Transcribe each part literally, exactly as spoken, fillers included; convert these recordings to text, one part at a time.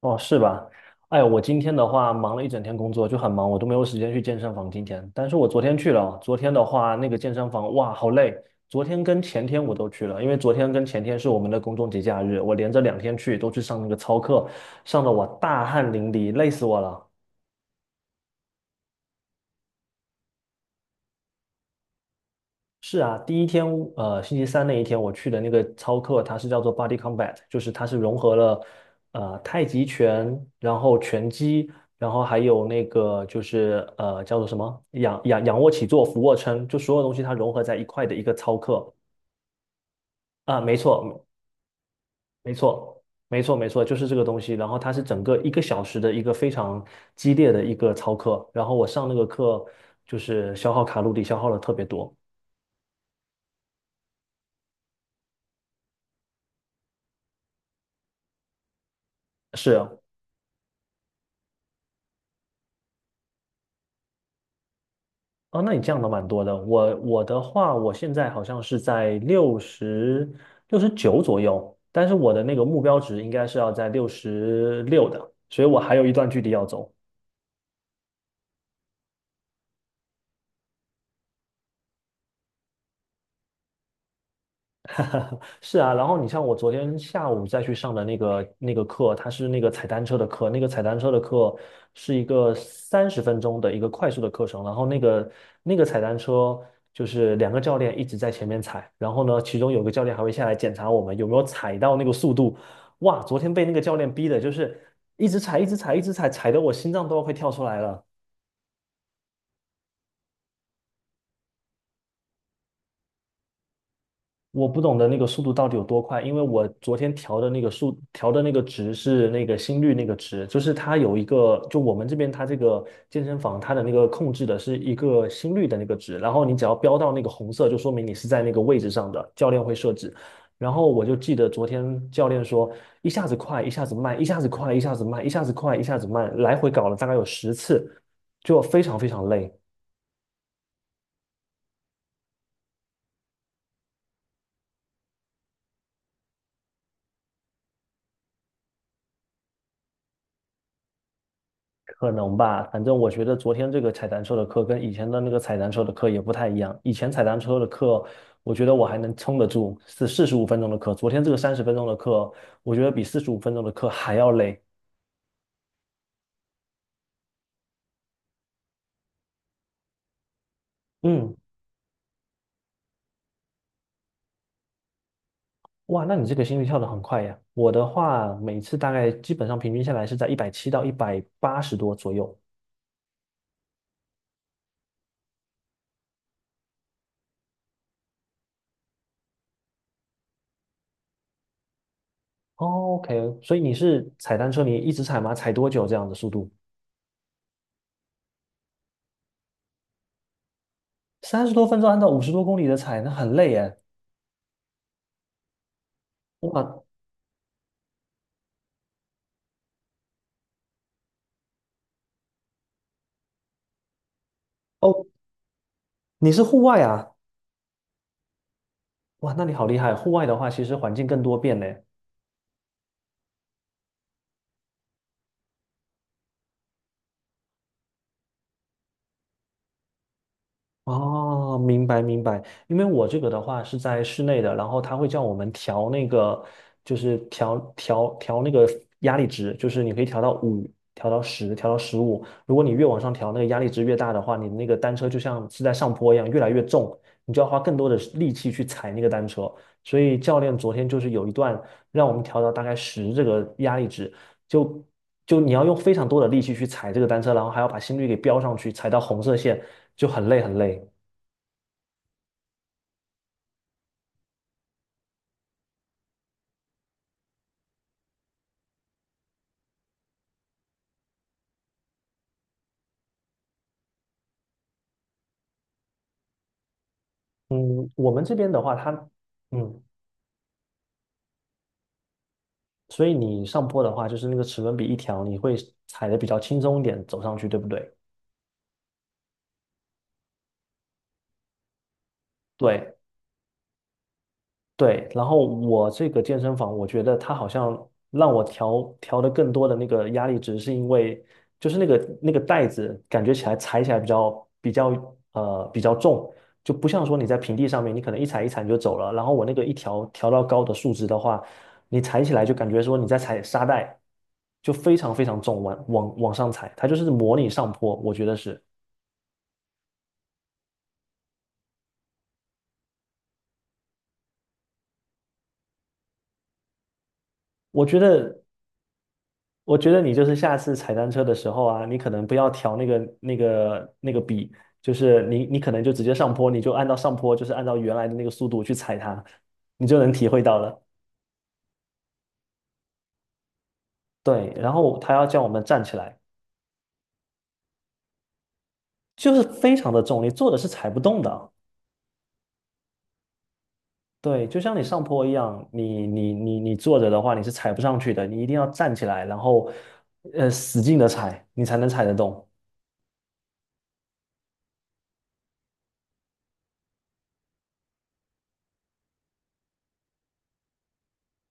哦，是吧？哎我今天的话忙了一整天工作，就很忙，我都没有时间去健身房今天。但是我昨天去了，昨天的话那个健身房，哇，好累。昨天跟前天我都去了，因为昨天跟前天是我们的公众节假日，我连着两天去，都去上那个操课，上的我大汗淋漓，累死我了。是啊，第一天，呃，星期三那一天我去的那个操课，它是叫做 Body Combat，就是它是融合了呃太极拳，然后拳击，然后还有那个就是呃叫做什么仰仰仰卧起坐、俯卧撑，就所有东西它融合在一块的一个操课。啊，没错，没错，没错，没错，就是这个东西。然后它是整个一个小时的一个非常激烈的一个操课，然后我上那个课就是消耗卡路里消耗了特别多。是啊。哦，那你降的蛮多的。我我的话，我现在好像是在六十六十九左右，但是我的那个目标值应该是要在六十六的，所以我还有一段距离要走。是啊，然后你像我昨天下午再去上的那个那个课，它是那个踩单车的课，那个踩单车的课是一个三十分钟的一个快速的课程，然后那个那个踩单车就是两个教练一直在前面踩，然后呢，其中有个教练还会下来检查我们有没有踩到那个速度。哇，昨天被那个教练逼的，就是一直踩，一直踩，一直踩，踩得我心脏都要快跳出来了。我不懂得那个速度到底有多快，因为我昨天调的那个速调的那个值是那个心率那个值，就是它有一个，就我们这边它这个健身房它的那个控制的是一个心率的那个值，然后你只要飙到那个红色，就说明你是在那个位置上的，教练会设置。然后我就记得昨天教练说，一下子快，一下子慢，一下子快，一下子慢，一下子快，一下子慢，来回搞了大概有十次，就非常非常累。可能吧，反正我觉得昨天这个踩单车的课跟以前的那个踩单车的课也不太一样。以前踩单车的课，我觉得我还能撑得住，是四十五分钟的课。昨天这个三十分钟的课，我觉得比四十五分钟的课还要累。嗯。哇，那你这个心率跳得很快呀。我的话，每次大概基本上平均下来是在一百七到一百八十多左右。哦 OK,所以你是踩单车，你一直踩吗？踩多久这样的速度？三十多分钟按照五十多公里的踩，那很累耶。哇。哦，你是户外啊？哇，那你好厉害！户外的话，其实环境更多变呢。哦，明白明白。因为我这个的话是在室内的，然后他会叫我们调那个，就是调调调那个压力值，就是你可以调到五，调到十，调到十五。如果你越往上调，那个压力值越大的话，你那个单车就像是在上坡一样，越来越重，你就要花更多的力气去踩那个单车。所以教练昨天就是有一段让我们调到大概十这个压力值，就就你要用非常多的力气去踩这个单车，然后还要把心率给飙上去，踩到红色线就很累很累。嗯，我们这边的话，它嗯，所以你上坡的话，就是那个齿轮比一条，你会踩的比较轻松一点走上去，对不对？对，对，然后我这个健身房，我觉得它好像让我调调的更多的那个压力值，是因为就是那个那个袋子感觉起来踩起来比较比较呃比较重，就不像说你在平地上面，你可能一踩一踩你就走了。然后我那个一调调到高的数值的话，你踩起来就感觉说你在踩沙袋，就非常非常重，往往往上踩，它就是模拟上坡，我觉得是，我觉得。我觉得你就是下次踩单车的时候啊，你可能不要调那个那个那个笔，就是你你可能就直接上坡，你就按照上坡，就是按照原来的那个速度去踩它，你就能体会到了。对，然后他要叫我们站起来，就是非常的重力，坐着是踩不动的。对，就像你上坡一样，你你你你坐着的话，你是踩不上去的，你一定要站起来，然后呃使劲的踩，你才能踩得动。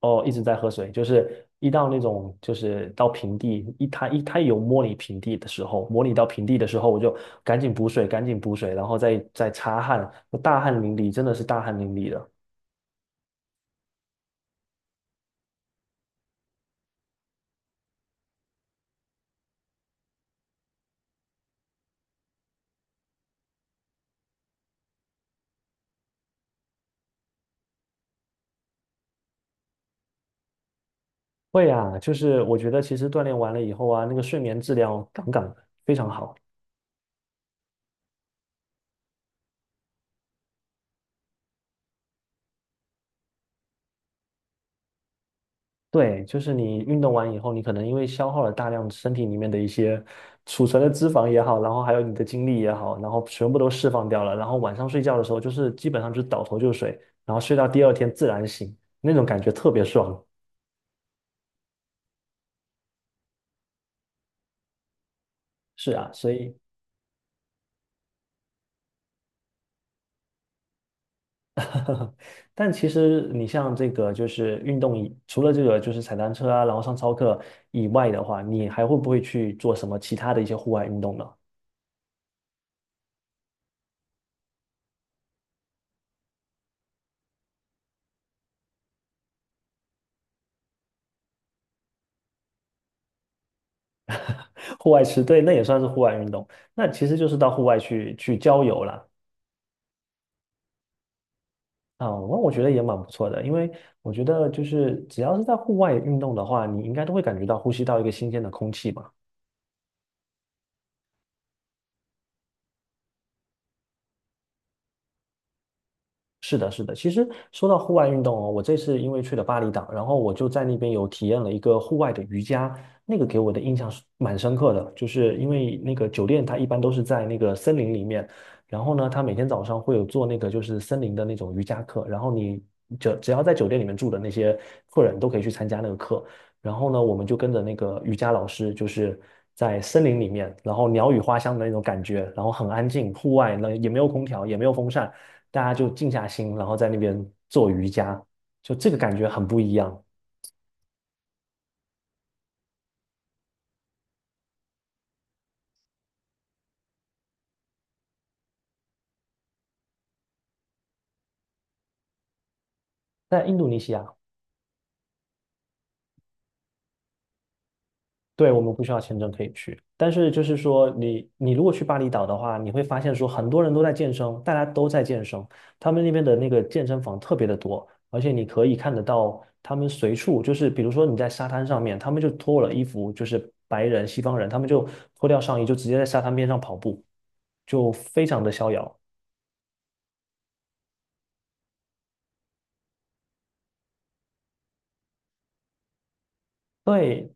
哦，一直在喝水，就是一到那种就是到平地，一它一它有模拟平地的时候，模拟到平地的时候，我就赶紧补水，赶紧补水，然后再再擦汗，我大汗淋漓，真的是大汗淋漓的。会啊，就是我觉得其实锻炼完了以后啊，那个睡眠质量杠杠的，非常好。对，就是你运动完以后，你可能因为消耗了大量身体里面的一些储存的脂肪也好，然后还有你的精力也好，然后全部都释放掉了，然后晚上睡觉的时候就是基本上就是倒头就睡，然后睡到第二天自然醒，那种感觉特别爽。是啊，所以，但其实你像这个就是运动以，除了这个就是踩单车啊，然后上操课以外的话，你还会不会去做什么其他的一些户外运动呢？户外吃，对，那也算是户外运动。那其实就是到户外去去郊游了。啊，那我觉得也蛮不错的，因为我觉得就是只要是在户外运动的话，你应该都会感觉到呼吸到一个新鲜的空气嘛。是的，是的。其实说到户外运动哦，我这次因为去了巴厘岛，然后我就在那边有体验了一个户外的瑜伽，那个给我的印象是蛮深刻的，就是因为那个酒店它一般都是在那个森林里面，然后呢，它每天早上会有做那个就是森林的那种瑜伽课，然后你就只要在酒店里面住的那些客人都可以去参加那个课。然后呢，我们就跟着那个瑜伽老师，就是在森林里面，然后鸟语花香的那种感觉，然后很安静，户外呢也没有空调，也没有风扇，大家就静下心，然后在那边做瑜伽，就这个感觉很不一样。在印度尼西亚，对，我们不需要签证可以去，但是就是说你，你如果去巴厘岛的话，你会发现说很多人都在健身，大家都在健身，他们那边的那个健身房特别的多，而且你可以看得到他们随处就是，比如说你在沙滩上面，他们就脱了衣服，就是白人、西方人，他们就脱掉上衣，就直接在沙滩边上跑步，就非常的逍遥。对，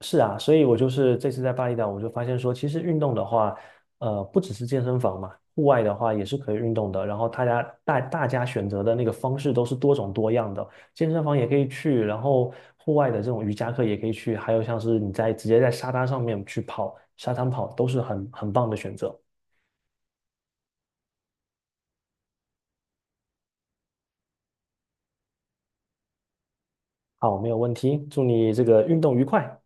是啊，所以我就是这次在巴厘岛，我就发现说，其实运动的话，呃，不只是健身房嘛，户外的话也是可以运动的。然后大家大大家选择的那个方式都是多种多样的，健身房也可以去，然后户外的这种瑜伽课也可以去，还有像是你在直接在沙滩上面去跑，沙滩跑都是很很棒的选择。好，没有问题，祝你这个运动愉快。